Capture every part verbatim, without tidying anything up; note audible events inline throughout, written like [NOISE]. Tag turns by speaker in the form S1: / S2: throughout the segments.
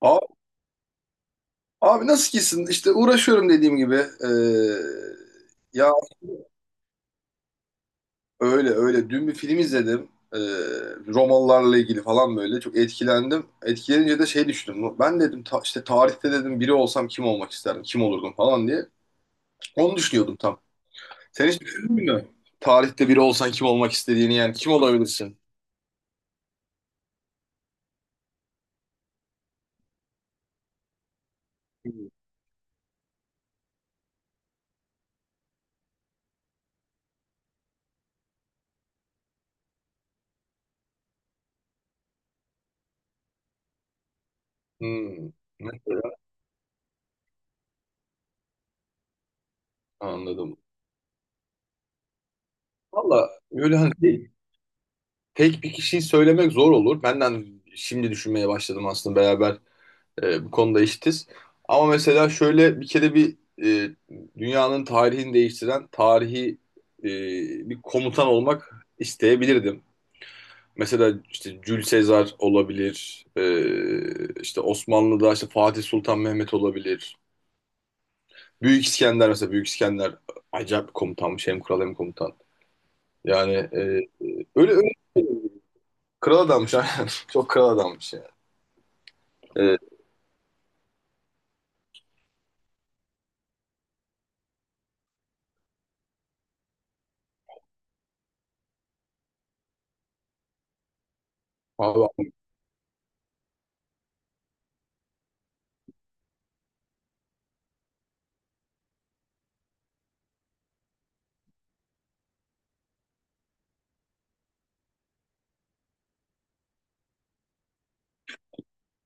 S1: Abi, abi nasıl gitsin? İşte uğraşıyorum dediğim gibi. Ee, ya öyle öyle. Dün bir film izledim. Ee, Romalılarla ilgili falan böyle. Çok etkilendim. Etkilenince de şey düşündüm. Ben dedim ta- işte tarihte dedim biri olsam kim olmak isterdim? Kim olurdum falan diye. Onu düşünüyordum tam. Sen hiç düşündün mü? Tarihte biri olsan kim olmak istediğini yani kim olabilirsin? Hmm. Mesela anladım. Valla böyle hani tek, tek bir kişiyi söylemek zor olur. Benden şimdi düşünmeye başladım aslında beraber. E, bu konuda eşitiz. Ama mesela şöyle bir kere bir e, dünyanın tarihini değiştiren tarihi e, bir komutan olmak isteyebilirdim. Mesela işte Jül Sezar olabilir, e, işte Osmanlı'da işte Fatih Sultan Mehmet olabilir. Büyük İskender, mesela Büyük İskender acayip bir komutanmış, hem kral hem komutan. Yani e, e, öyle öyle, kral adammış [LAUGHS] aynen. Çok kral adammış yani. E, abi, abi,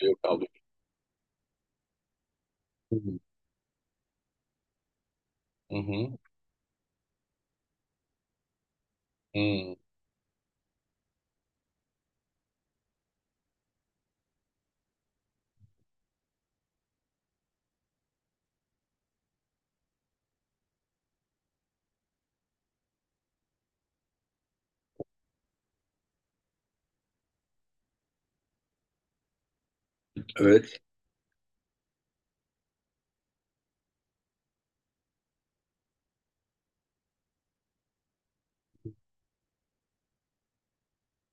S1: yok abi. Hı hı. Hı. Evet.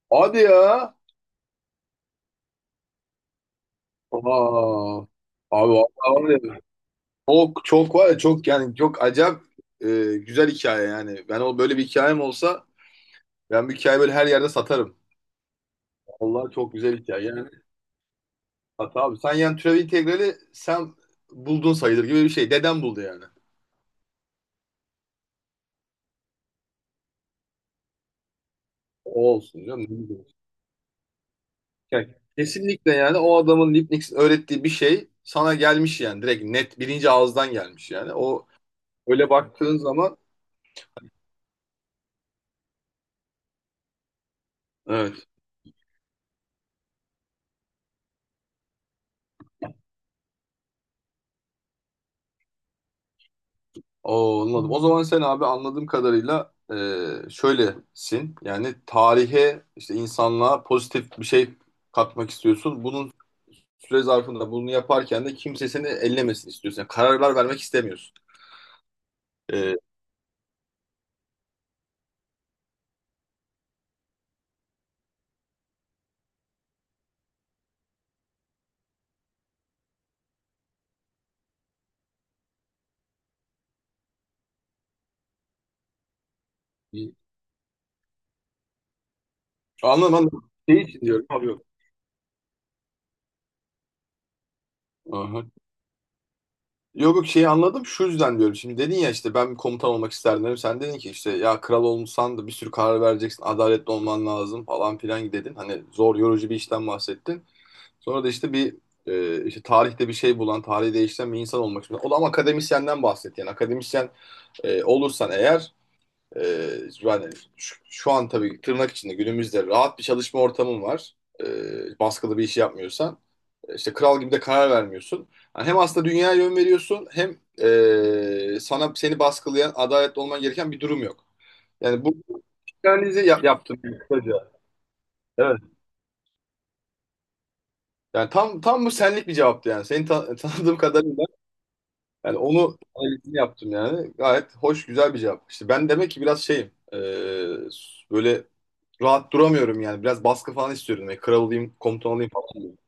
S1: Hadi ya. Aa. Abi vallahi var ya, çok çok var ya, çok yani çok acayip e, güzel hikaye yani. Ben o böyle bir hikayem olsa ben bu hikayeyi böyle her yerde satarım. Vallahi çok güzel hikaye yani. Sat abi. Sen yani türev integrali sen buldun sayılır gibi bir şey. Dedem buldu yani. O olsun canım, ne bileyim. Yani kesinlikle yani o adamın, Leibniz'in öğrettiği bir şey sana gelmiş yani. Direkt net birinci ağızdan gelmiş yani. O öyle baktığın zaman evet. Oo, anladım. O zaman sen abi anladığım kadarıyla e, şöylesin. Yani tarihe, işte insanlığa pozitif bir şey katmak istiyorsun. Bunun süre zarfında bunu yaparken de kimse seni ellemesin istiyorsun. Yani kararlar vermek istemiyorsun. E, anladım anladım. Şey için diyorum. Abi yok. Aha. Yok yok, şeyi anladım. Şu yüzden diyorum. Şimdi dedin ya, işte ben bir komutan olmak isterdim dedim. Sen dedin ki işte ya kral olmuşsan da bir sürü karar vereceksin. Adaletli olman lazım falan filan dedin. Hani zor, yorucu bir işten bahsettin. Sonra da işte bir e, işte tarihte bir şey bulan, tarihi değiştiren bir insan olmak istiyor. O da ama akademisyenden bahsetti. Yani akademisyen e, olursan eğer, e, yani şu, şu an tabii tırnak içinde günümüzde rahat bir çalışma ortamın var. E, baskılı bir iş yapmıyorsan. E, işte kral gibi de karar vermiyorsun. Yani hem aslında dünyaya yön veriyorsun hem e, sana, seni baskılayan, adaletli olman gereken bir durum yok. Yani bu analizi yap- yaptım kısaca. Evet. Yani tam tam bu senlik bir cevaptı yani. Seni ta- tanıdığım kadarıyla yani onu analizini yaptım yani. Gayet hoş, güzel bir cevap. İşte ben demek ki biraz şeyim. E, böyle rahat duramıyorum yani. Biraz baskı falan istiyorum. Yani kral olayım, komutan olayım falan diyorum.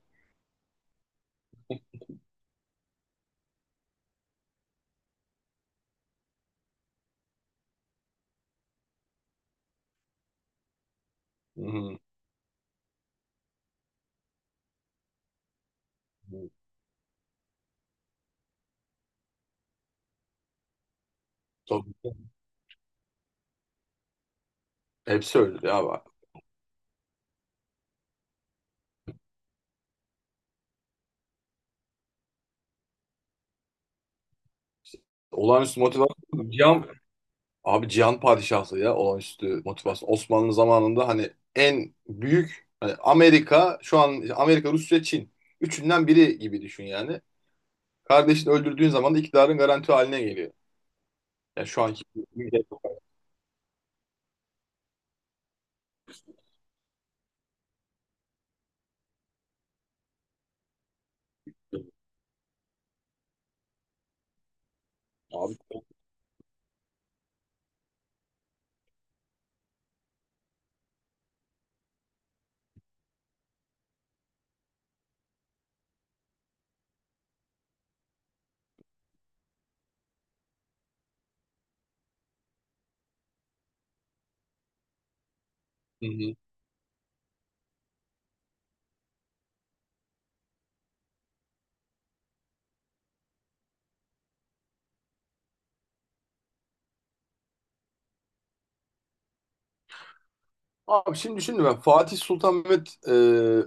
S1: Hı hı. Tabii. Hepsi öyle ya abi. Olağanüstü motivasyon. Cihan, abi Cihan Padişahlığı ya olağanüstü motivasyon. Osmanlı zamanında hani en büyük, hani Amerika şu an, işte Amerika, Rusya, Çin. Üçünden biri gibi düşün yani. Kardeşini öldürdüğün zaman da iktidarın garanti haline geliyor. Yani şu anki abi. Hı hı. Abi şimdi düşündüm, ben Fatih Sultan Mehmet e,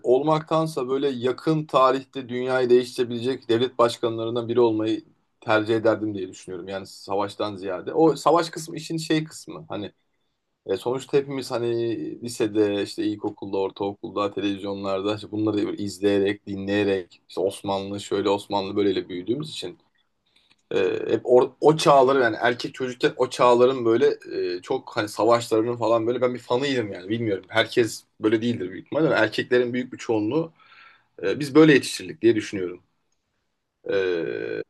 S1: olmaktansa böyle yakın tarihte dünyayı değiştirebilecek devlet başkanlarından biri olmayı tercih ederdim diye düşünüyorum. Yani savaştan ziyade. O savaş kısmı işin şey kısmı, hani e, sonuçta hepimiz hani lisede, işte ilkokulda, ortaokulda, televizyonlarda işte bunları izleyerek, dinleyerek, işte Osmanlı şöyle Osmanlı böyleyle büyüdüğümüz için E, hep or- o çağları, yani erkek çocukken o çağların böyle e, çok hani savaşlarının falan böyle ben bir fanıydım yani, bilmiyorum. Herkes böyle değildir büyük ihtimalle, ama erkeklerin büyük bir çoğunluğu e, biz böyle yetiştirdik diye düşünüyorum. E,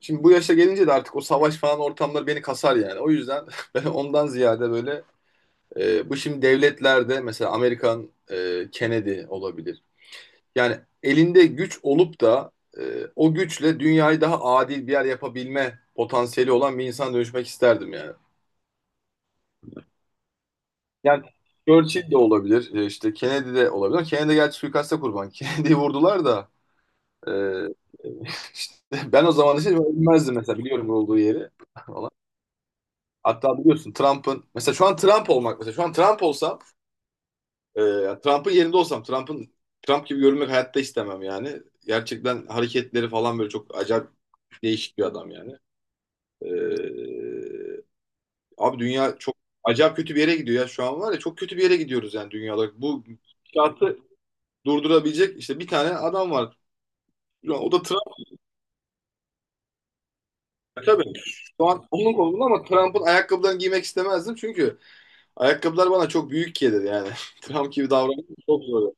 S1: Şimdi bu yaşa gelince de artık o savaş falan ortamları beni kasar yani. O yüzden [LAUGHS] ben ondan ziyade böyle e, bu şimdi devletlerde mesela Amerikan, e, Kennedy olabilir. Yani elinde güç olup da e, o güçle dünyayı daha adil bir yer yapabilme potansiyeli olan bir insan dönüşmek isterdim yani. Yani Churchill de olabilir, e, işte Kennedy de olabilir. Kennedy gerçi suikasta kurban. [LAUGHS] Kennedy'yi vurdular da e, [LAUGHS] işte ben o zaman işte bilmezdim mesela, biliyorum olduğu yeri [LAUGHS] falan. Hatta biliyorsun Trump'ın, mesela şu an Trump olmak, mesela şu an Trump olsam, Ee, yani Trump'ın yerinde olsam, Trump'ın Trump gibi görünmek hayatta istemem yani. Gerçekten hareketleri falan böyle çok acayip değişik bir adam yani. Ee, abi dünya çok acayip kötü bir yere gidiyor ya, şu an var ya çok kötü bir yere gidiyoruz yani dünya olarak. Bu gidişatı durdurabilecek işte bir tane adam var. O da Trump. Tabii şu an onun kolunda, ama Trump'ın ayakkabılarını giymek istemezdim, çünkü ayakkabılar bana çok büyük gelir yani. [LAUGHS] Trump gibi davranmak çok zor.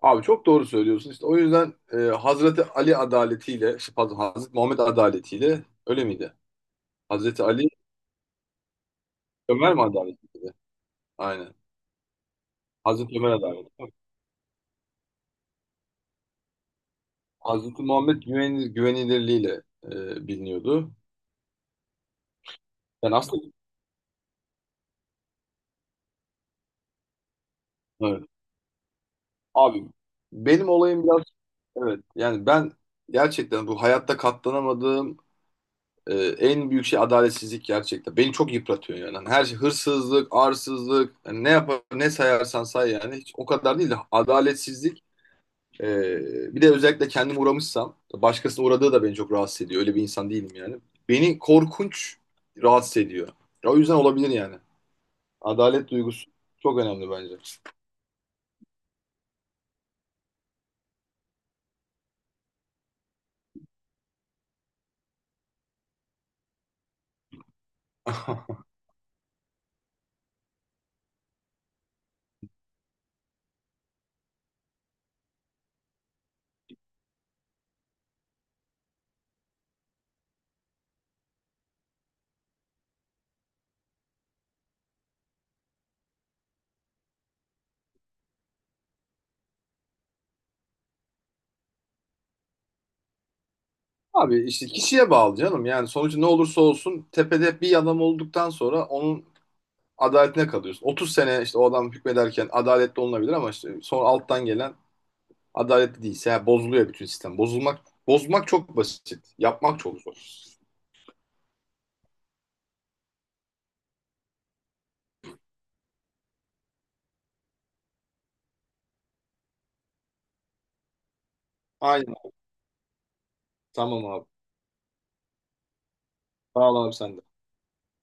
S1: Abi çok doğru söylüyorsun. İşte o yüzden e, Hazreti Ali adaletiyle, işte pardon, Hazreti Muhammed adaletiyle öyle miydi? Hazreti Ali, Ömer mi adaleti? Aynen. Hazreti Ömer adaleti. Hazreti Muhammed güven, güvenilirliğiyle e, biliniyordu. Yani aslında evet. Abi benim olayım biraz evet. Yani ben gerçekten bu hayatta katlanamadığım e, en büyük şey adaletsizlik, gerçekten. Beni çok yıpratıyor yani. Hani her şey, hırsızlık, arsızlık, yani ne yapar, ne sayarsan say yani. Hiç o kadar değil de adaletsizlik. Ee, Bir de özellikle kendim uğramışsam, başkasının uğradığı da beni çok rahatsız ediyor. Öyle bir insan değilim yani. Beni korkunç rahatsız ediyor. Ya o yüzden olabilir yani. Adalet duygusu çok önemli bence. [LAUGHS] Abi işte kişiye bağlı canım. Yani sonucu ne olursa olsun tepede bir adam olduktan sonra onun adaletine kalıyorsun. otuz sene işte o adam hükmederken adaletli olunabilir, ama işte sonra alttan gelen adaletli değilse yani bozuluyor bütün sistem. Bozulmak, bozmak çok basit. Yapmak çok zor. Aynen. Tamam abi. Sağ ol abi, sen de.